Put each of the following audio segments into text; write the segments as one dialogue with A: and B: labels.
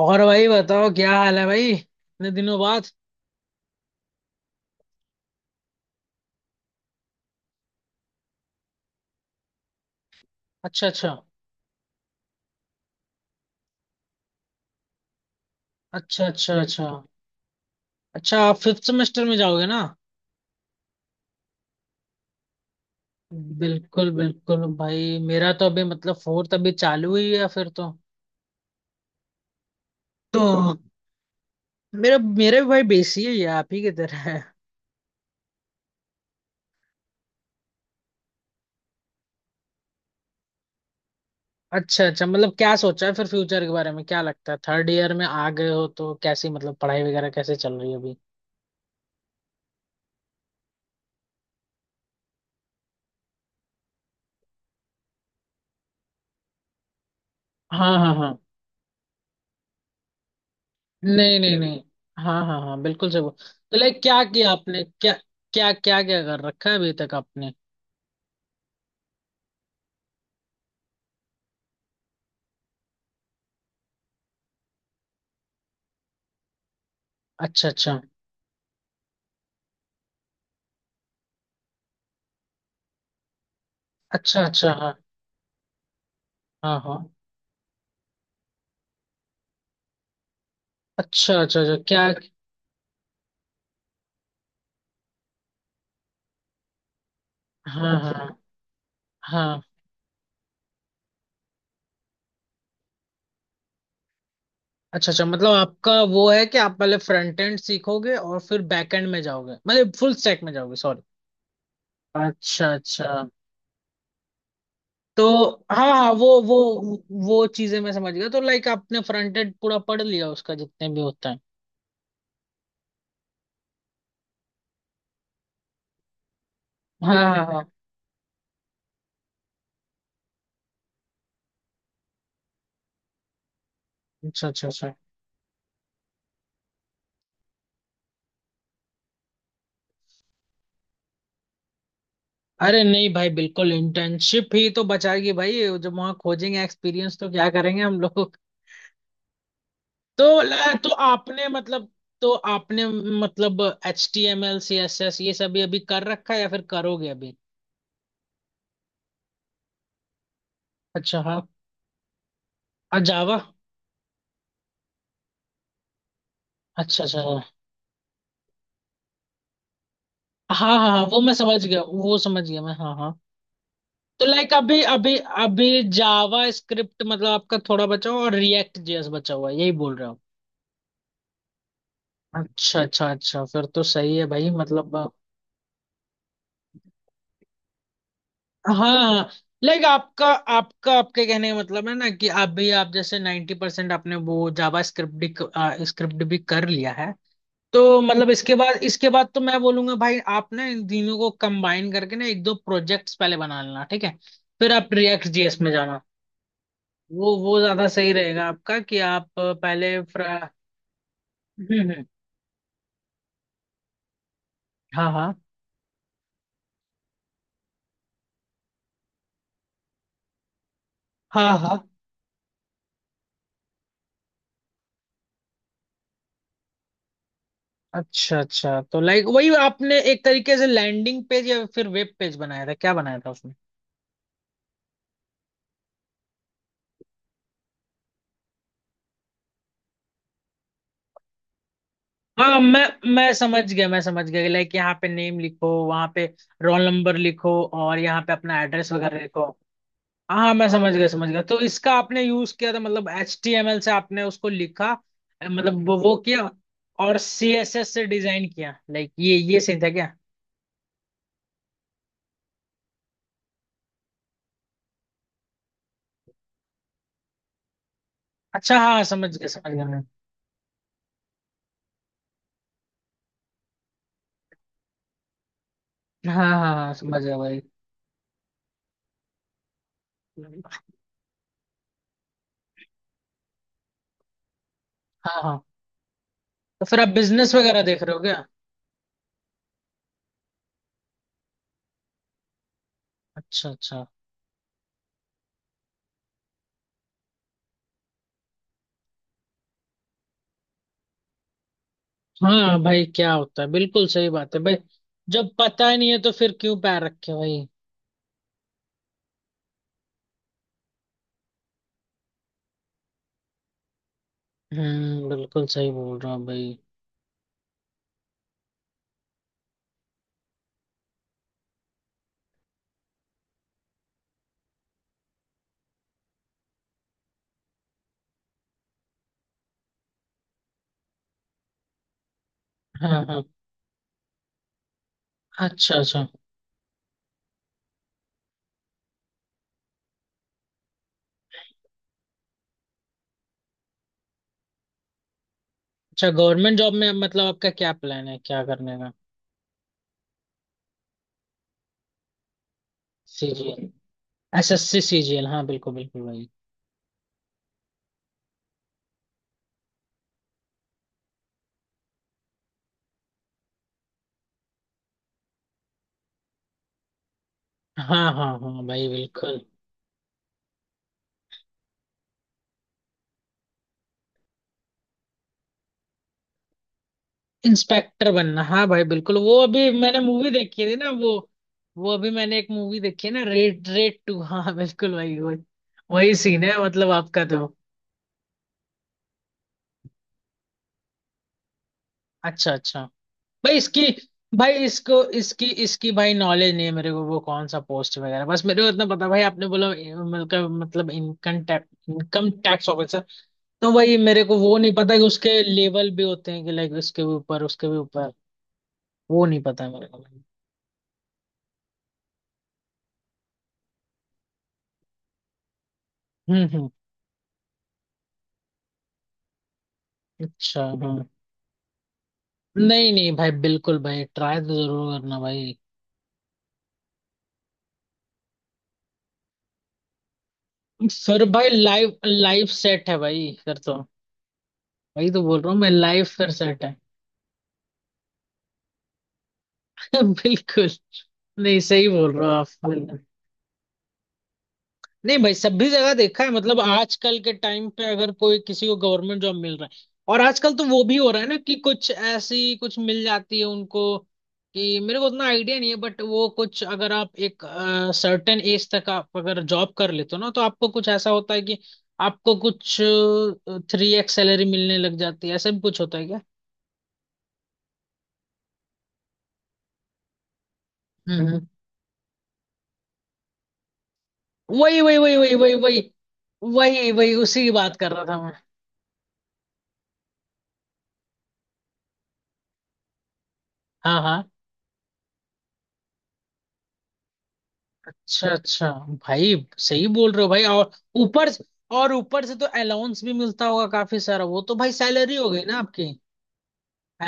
A: और भाई बताओ क्या हाल है भाई इतने दिनों बाद। अच्छा, अच्छा, अच्छा, अच्छा, अच्छा, अच्छा। आप फिफ्थ सेमेस्टर में जाओगे ना। बिल्कुल बिल्कुल भाई, मेरा तो अभी मतलब फोर्थ अभी चालू ही है फिर तो। तो मेरा मेरा भी भाई बेसी है, ये आप ही की तरह है। अच्छा, अच्छा, मतलब क्या सोचा है फिर फ्यूचर के बारे में, क्या लगता है थर्ड ईयर में आ गए हो तो कैसी मतलब पढ़ाई वगैरह कैसे चल रही है अभी। हाँ, हाँ, हाँ। नहीं, नहीं, नहीं। हाँ, हाँ, हाँ बिल्कुल सही तो लाइक क्या किया आपने, क्या क्या क्या क्या कर रखा है अभी तक आपने। अच्छा, अच्छा, अच्छा, अच्छा। हाँ, हाँ, हाँ। अच्छा, अच्छा, अच्छा, क्या? हाँ, हाँ, हाँ। अच्छा, अच्छा, मतलब आपका वो है कि आप पहले फ्रंट एंड सीखोगे और फिर बैक एंड में जाओगे मतलब फुल स्टैक में जाओगे, सॉरी। अच्छा, अच्छा। तो हाँ, हाँ, वो वो चीजें मैं समझ गया, तो लाइक आपने फ्रंट एंड पूरा पढ़ लिया उसका जितने भी होता है। हाँ, हाँ, हाँ। अच्छा, अच्छा, अच्छा। अरे नहीं भाई, बिल्कुल इंटर्नशिप ही तो बचाएगी भाई। जब वहां खोजेंगे एक्सपीरियंस तो क्या करेंगे हम लोग। तो ल- तो आपने मतलब तो आपने मतलब HTML CSS ये सब ये अभी कर रखा है या फिर करोगे अभी। अच्छा हाँ। और जावा। अच्छा, अच्छा हाँ, हाँ, हाँ, हाँ, वो मैं समझ गया, वो समझ गया मैं, हाँ, हाँ। तो लाइक अभी अभी अभी जावा स्क्रिप्ट मतलब आपका थोड़ा बचा हुआ और रिएक्ट जेएस बचा हुआ है, यही बोल रहे हो। अच्छा, अच्छा, अच्छा, फिर तो सही है भाई मतलब। हाँ लाइक आपका। आपके कहने का मतलब है ना कि आप भी, आप जैसे 90% परसेंट आपने वो जावा स्क्रिप्ट भी कर लिया है। तो मतलब इसके बाद तो मैं बोलूंगा भाई आप ना इन तीनों को कंबाइन करके ना एक दो प्रोजेक्ट्स पहले बना लेना, ठीक है। फिर आप रिएक्ट जीएस में जाना। वो ज्यादा सही रहेगा आपका कि आप पहले। हम्म, हाँ, हाँ, हाँ, हाँ। अच्छा, अच्छा, तो लाइक वही आपने एक तरीके से लैंडिंग पेज या फिर वेब पेज बनाया था, क्या बनाया था उसमें। हाँ, मैं समझ गया, मैं समझ गया, लाइक यहाँ पे नेम लिखो, वहाँ पे रोल नंबर लिखो, और यहाँ पे अपना एड्रेस वगैरह लिखो। हाँ, हाँ, मैं समझ गया समझ गया, तो इसका आपने यूज किया था मतलब HTML से आपने उसको लिखा। मतलब वो किया, और CSS से डिजाइन किया, लाइक ये सही था क्या। अच्छा हाँ, समझ गया मैं। हाँ, हाँ, हाँ समझ गया भाई। हाँ, हाँ। तो फिर आप बिजनेस वगैरह देख रहे हो क्या। अच्छा, अच्छा। हाँ भाई, क्या होता है, बिल्कुल सही बात है भाई। जब पता ही नहीं है तो फिर क्यों पैर रखे भाई। हम्म, बिल्कुल सही बोल रहा हूँ भाई। हाँ, हाँ। अच्छा, अच्छा, अच्छा, गवर्नमेंट जॉब में मतलब आपका क्या प्लान है, क्या करने का। सीजीएल। एसएससी सीजीएल, हाँ बिल्कुल बिल्कुल भाई। हाँ, हाँ, हाँ भाई बिल्कुल। इंस्पेक्टर बनना, हाँ भाई बिल्कुल। वो अभी मैंने मूवी देखी थी ना, वो। वो अभी मैंने एक मूवी देखी है ना, रेड, रेड 2, हाँ बिल्कुल भाई वही। वही सीन है मतलब आपका तो। अच्छा, अच्छा। भाई इसकी। भाई इसको इसकी इसकी भाई नॉलेज नहीं है मेरे को, वो कौन सा पोस्ट वगैरह, बस मेरे को इतना पता भाई, आपने बोला मतलब इनकम टैक्स ऑफिसर। तो भाई मेरे को वो नहीं पता कि उसके लेवल भी होते हैं, कि लाइक उसके भी ऊपर उसके भी ऊपर। वो नहीं पता है मेरे को। हम्म, हम्म। अच्छा हाँ। नहीं, नहीं भाई, बिल्कुल भाई ट्राई तो जरूर करना भाई। फिर भाई, लाइफ लाइफ सेट है भाई फिर तो। वही तो बोल रहा हूँ मैं, लाइफ फिर सेट है। बिल्कुल। नहीं, सही बोल रहे हो। आप। नहीं भाई, सभी जगह देखा है, मतलब आजकल के टाइम पे अगर कोई किसी को गवर्नमेंट जॉब मिल रहा है। और आजकल तो वो भी हो रहा है ना कि कुछ ऐसी कुछ मिल जाती है उनको। कि मेरे को उतना आइडिया नहीं है, बट वो कुछ अगर आप एक सर्टेन एज तक आप अगर जॉब कर लेते हो ना, तो आपको कुछ ऐसा होता है कि आपको कुछ 3X सैलरी मिलने लग जाती है, ऐसा भी कुछ होता है क्या। हम्म, वही, वही, वही, वही, वही, वही। वही, वही, उसी की बात कर रहा था मैं। हाँ, हाँ। अच्छा, अच्छा। भाई। सही बोल रहे हो भाई। और ऊपर। और ऊपर से तो अलाउंस भी मिलता होगा काफी सारा, वो तो भाई सैलरी हो गई ना आपकी।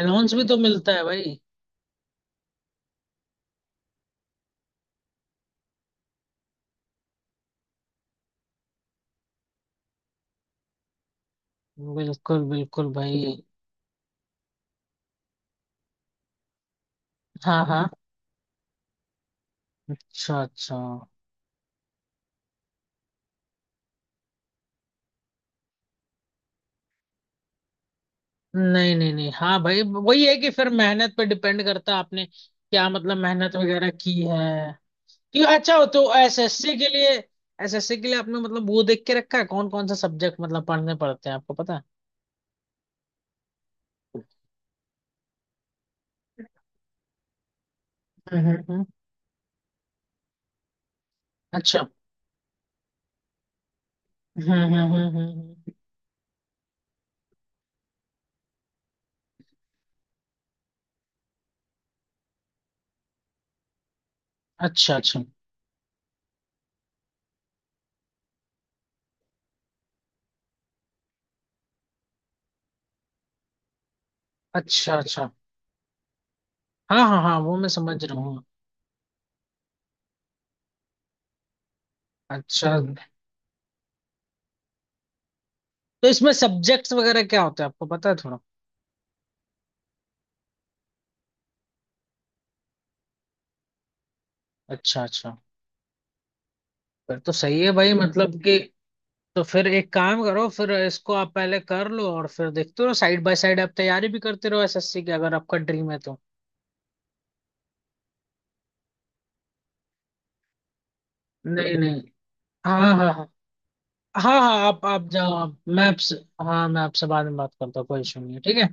A: अलाउंस भी तो मिलता है भाई। बिल्कुल, बिल्कुल भाई। हाँ, हाँ। अच्छा, अच्छा। नहीं, नहीं, नहीं, हाँ भाई, वही है कि फिर मेहनत पे डिपेंड करता है, आपने क्या मतलब मेहनत वगैरह की है। क्यों, अच्छा हो तो एसएससी के लिए। एसएससी के लिए आपने मतलब वो देख के रखा है कौन कौन सा सब्जेक्ट मतलब पढ़ने पड़ते हैं आपको पता है। हम्म, हम्म, अच्छा। हम्म, हम्म, हम्म, अच्छा, अच्छा, अच्छा, अच्छा। हाँ, हाँ, हाँ वो मैं समझ रहा हूँ। अच्छा, तो इसमें सब्जेक्ट्स वगैरह क्या होते हैं आपको पता है थोड़ा। अच्छा, अच्छा, फिर तो सही है भाई मतलब कि। तो फिर एक काम करो, फिर इसको आप पहले कर लो और फिर देखते रहो साइड बाय साइड, आप तैयारी भी करते रहो एसएससी की अगर आपका ड्रीम है तो। नहीं, नहीं। हाँ, हाँ, हाँ। हाँ, हाँ, आप जाओ, आप, मैं आपसे। हाँ मैं आपसे बाद में बात करता हूँ, कोई इशू नहीं है, ठीक है।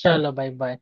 A: चलो भाई बाय।